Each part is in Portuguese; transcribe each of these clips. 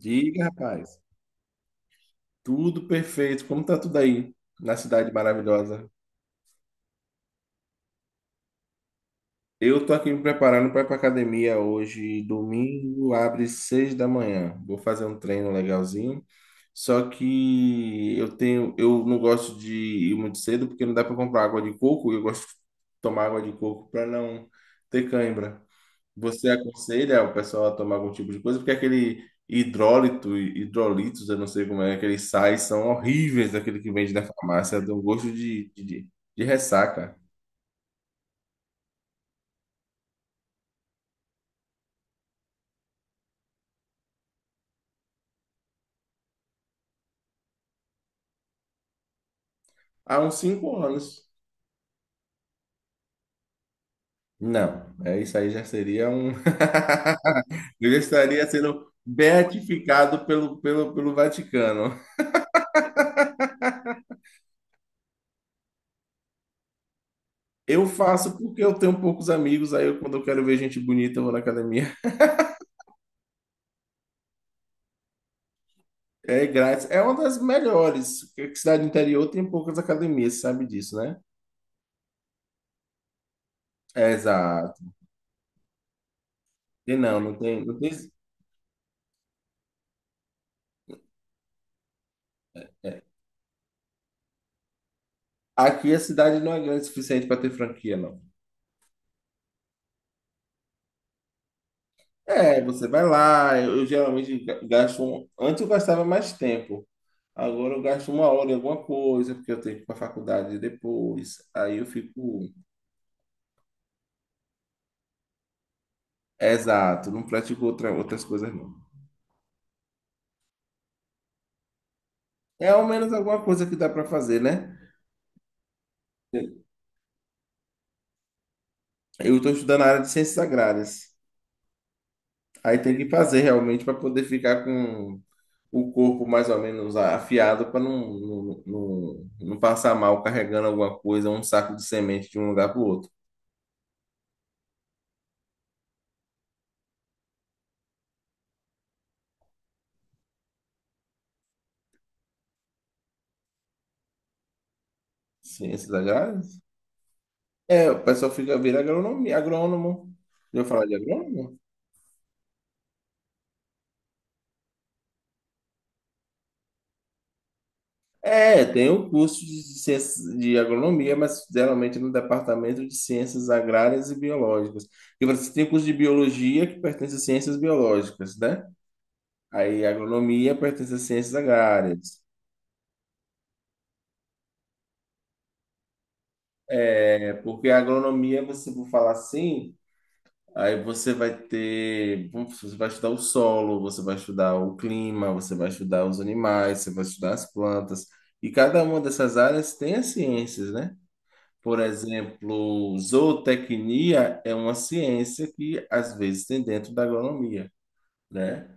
Diga, rapaz. Tudo perfeito. Como tá tudo aí na cidade maravilhosa? Eu tô aqui me preparando para ir pra academia hoje. Domingo abre seis da manhã. Vou fazer um treino legalzinho. Só que eu não gosto de ir muito cedo porque não dá para comprar água de coco, eu gosto de tomar água de coco para não ter cãibra. Você aconselha o pessoal a tomar algum tipo de coisa? Porque hidrolitos, eu não sei como é, aqueles sais são horríveis, aquele que vende na farmácia, dá um gosto de ressaca. Há uns cinco anos. Não, é isso aí já seria um. Eu já estaria sendo beatificado pelo Vaticano. Eu faço porque eu tenho poucos amigos, aí eu, quando eu quero ver gente bonita, eu vou na academia. É grátis. É uma das melhores, porque cidade interior tem poucas academias, você sabe disso, né? É, exato. E não tem. Aqui a cidade não é grande o suficiente para ter franquia, não. É, você vai lá, eu geralmente gasto. Antes eu gastava mais tempo. Agora eu gasto uma hora em alguma coisa, porque eu tenho que ir para a faculdade depois. Aí eu fico. Exato, não pratico outras coisas, não. É ao menos alguma coisa que dá para fazer, né? Eu estou estudando a área de ciências agrárias. Aí tem que fazer realmente para poder ficar com o corpo mais ou menos afiado para não passar mal carregando alguma coisa, um saco de semente de um lugar para o outro. Ciências agrárias? É, o pessoal fica, vira agronomia, agrônomo. Eu falar de agrônomo? É, tem o curso de ciências de agronomia, mas geralmente no departamento de ciências agrárias e biológicas. E você tem curso de biologia que pertence a ciências biológicas, né? Aí agronomia pertence a ciências agrárias. É, porque a agronomia, você for falar assim, aí você vai ter, você vai estudar o solo, você vai estudar o clima, você vai estudar os animais, você vai estudar as plantas, e cada uma dessas áreas tem as ciências, né? Por exemplo, zootecnia é uma ciência que às vezes tem dentro da agronomia, né?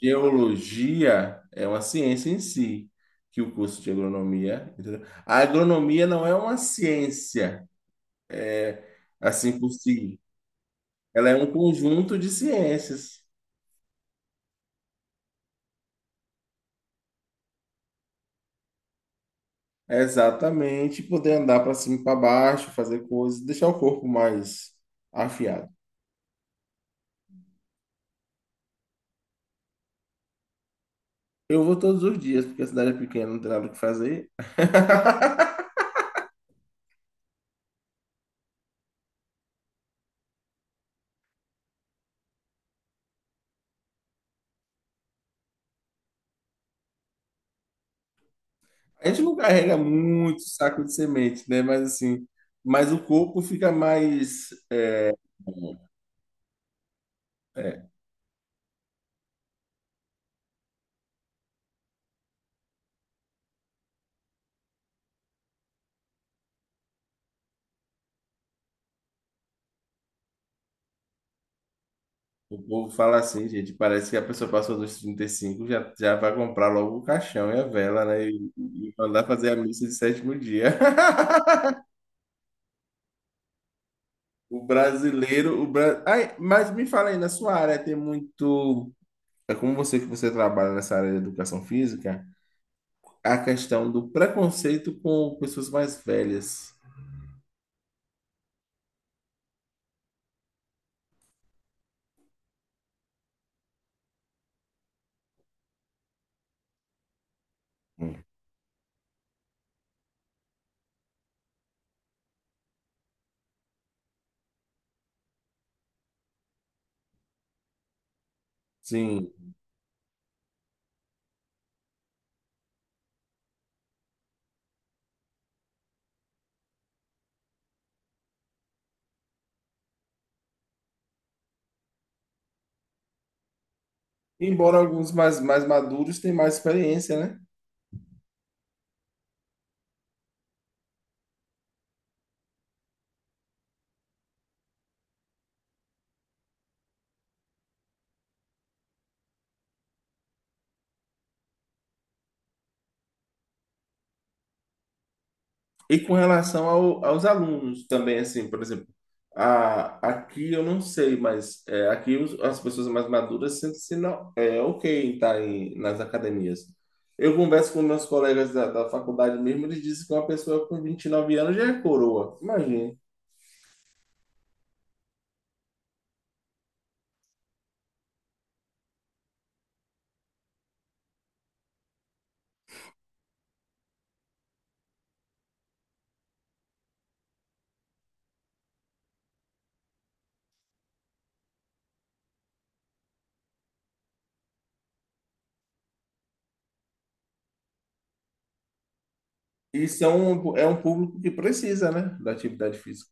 Geologia é uma ciência em si, que o curso de agronomia, entendeu? A agronomia não é uma ciência assim por si. Ela é um conjunto de ciências. É, exatamente, poder andar para cima e para baixo, fazer coisas, deixar o corpo mais afiado. Eu vou todos os dias, porque a cidade é pequena, não tem nada o que fazer. A gente não carrega muito saco de semente, né? Mas assim, mas o corpo fica mais. É, o povo fala assim, gente, parece que a pessoa passou dos 35, já vai comprar logo o caixão e a vela, né? E mandar fazer a missa de sétimo dia. O brasileiro, o bra... Ai, mas me fala aí, na sua área tem muito, é como você que você trabalha nessa área de educação física, a questão do preconceito com pessoas mais velhas. Sim. Embora alguns mais maduros tenham mais experiência, né? E com relação aos alunos também, assim, por exemplo, aqui eu não sei, mas é, aqui as pessoas mais maduras sentem-se não, é, ok em nas academias. Eu converso com meus colegas da faculdade mesmo, eles dizem que uma pessoa com 29 anos já é coroa, imagina. Isso é um público que precisa, né, da atividade física.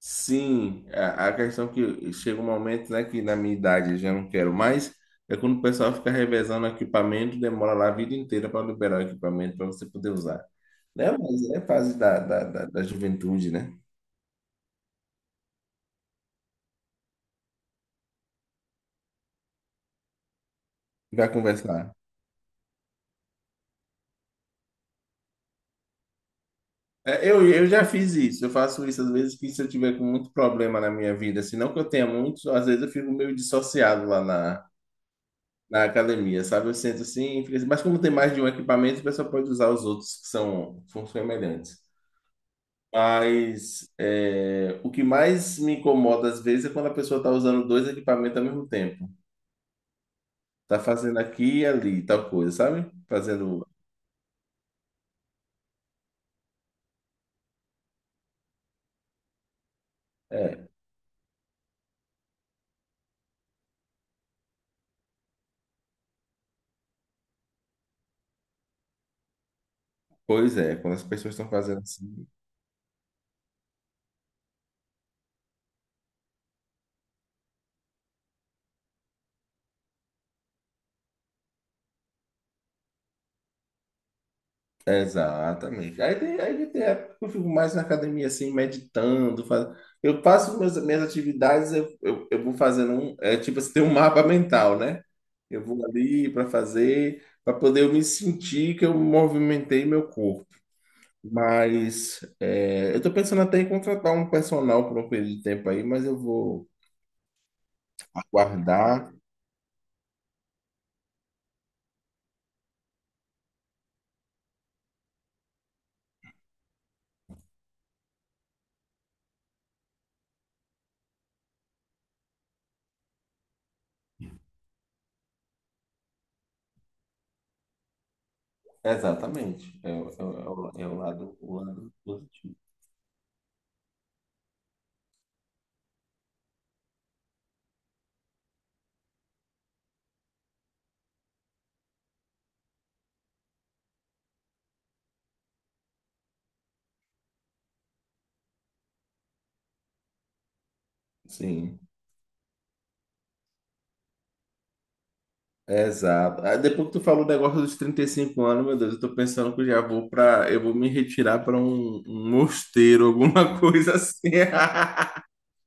Sim, a questão é que chega um momento, né, que na minha idade eu já não quero mais, é quando o pessoal fica revezando equipamento, demora lá a vida inteira para liberar o equipamento para você poder usar. Né? Mas é fase da juventude, né? Vai conversar. É, eu já fiz isso, eu faço isso às vezes que se eu tiver com muito problema na minha vida, se não que eu tenha muitos, às vezes eu fico meio dissociado lá na academia, sabe? Eu sento assim, fico assim, mas como tem mais de um equipamento, o pessoal pode usar os outros que são semelhantes. Mas é, o que mais me incomoda às vezes é quando a pessoa está usando dois equipamentos ao mesmo tempo. Está fazendo aqui e ali, tal coisa, sabe? Fazendo. É, pois é, quando as pessoas estão fazendo assim. Exatamente. Aí tem época que eu fico mais na academia, assim, meditando. Eu faço minhas atividades, eu vou fazendo um. É, tipo assim, tem um mapa mental, né? Eu vou ali para fazer, para poder eu me sentir que eu movimentei meu corpo. Mas é, eu estou pensando até em contratar um personal por um período de tempo aí, mas eu vou aguardar. Exatamente. É, é o lado positivo. Sim, exato. Ah, depois que tu falou o negócio dos 35 anos, meu Deus, eu tô pensando que eu já vou para, eu vou me retirar para um mosteiro, alguma coisa assim.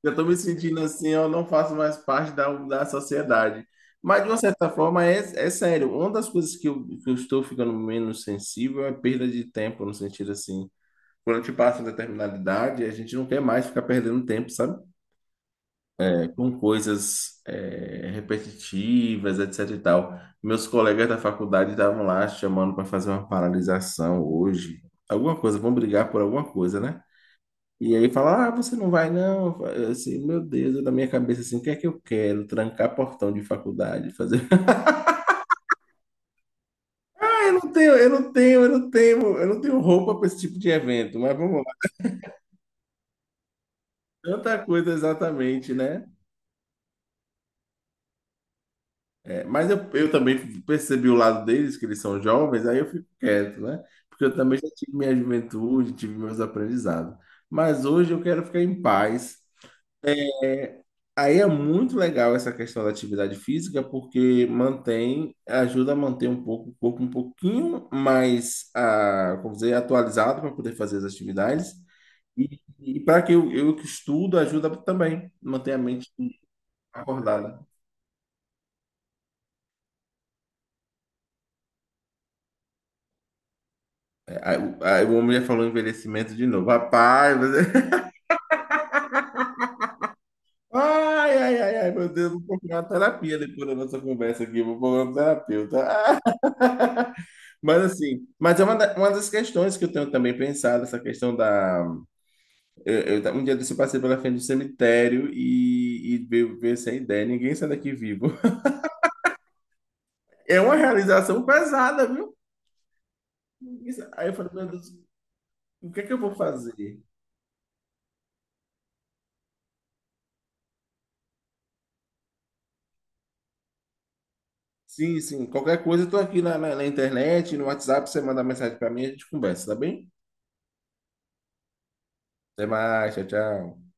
Eu estou me sentindo assim, eu não faço mais parte da sociedade. Mas, de uma certa forma, é, é sério. Uma das coisas que eu estou ficando menos sensível é perda de tempo, no sentido assim, quando a gente passa uma determinada idade, a gente não quer mais ficar perdendo tempo, sabe? É, com coisas é, repetitivas, etc e tal. Meus colegas da faculdade estavam lá chamando para fazer uma paralisação hoje. Alguma coisa, vão brigar por alguma coisa, né? E aí fala, ah, você não vai não. Eu, assim, meu Deus, na minha cabeça assim, o que é que eu quero? Trancar portão de faculdade, fazer. Eu não tenho, eu não tenho, eu não tenho, eu não tenho roupa para esse tipo de evento, mas vamos lá. Tanta coisa exatamente, né? É, mas eu também percebi o lado deles, que eles são jovens, aí eu fico quieto, né? Porque eu também já tive minha juventude, tive meus aprendizados. Mas hoje eu quero ficar em paz. Aí é muito legal essa questão da atividade física, porque mantém, ajuda a manter um pouco o corpo um pouquinho mais, ah, como dizer, atualizado para poder fazer as atividades. E para que eu que estudo, ajuda também, manter a mente acordada. Aí, o aí o homem já falou envelhecimento de novo. Rapaz, você... ai, ai, ai, ai, meu Deus, vou procurar uma terapia depois da nossa conversa aqui, vou procurar um terapeuta. Mas assim, mas é uma, uma das questões que eu tenho também pensado, essa questão da. Eu um dia desse eu passei pela frente do cemitério e veio essa ideia, ninguém sai daqui vivo. É uma realização pesada, viu? Aí eu falei, meu Deus, o que é que eu vou fazer? Sim, sim, qualquer coisa eu tô aqui na internet, no WhatsApp, você manda mensagem pra mim, a gente conversa, tá bem? Até mais, tchau, tchau.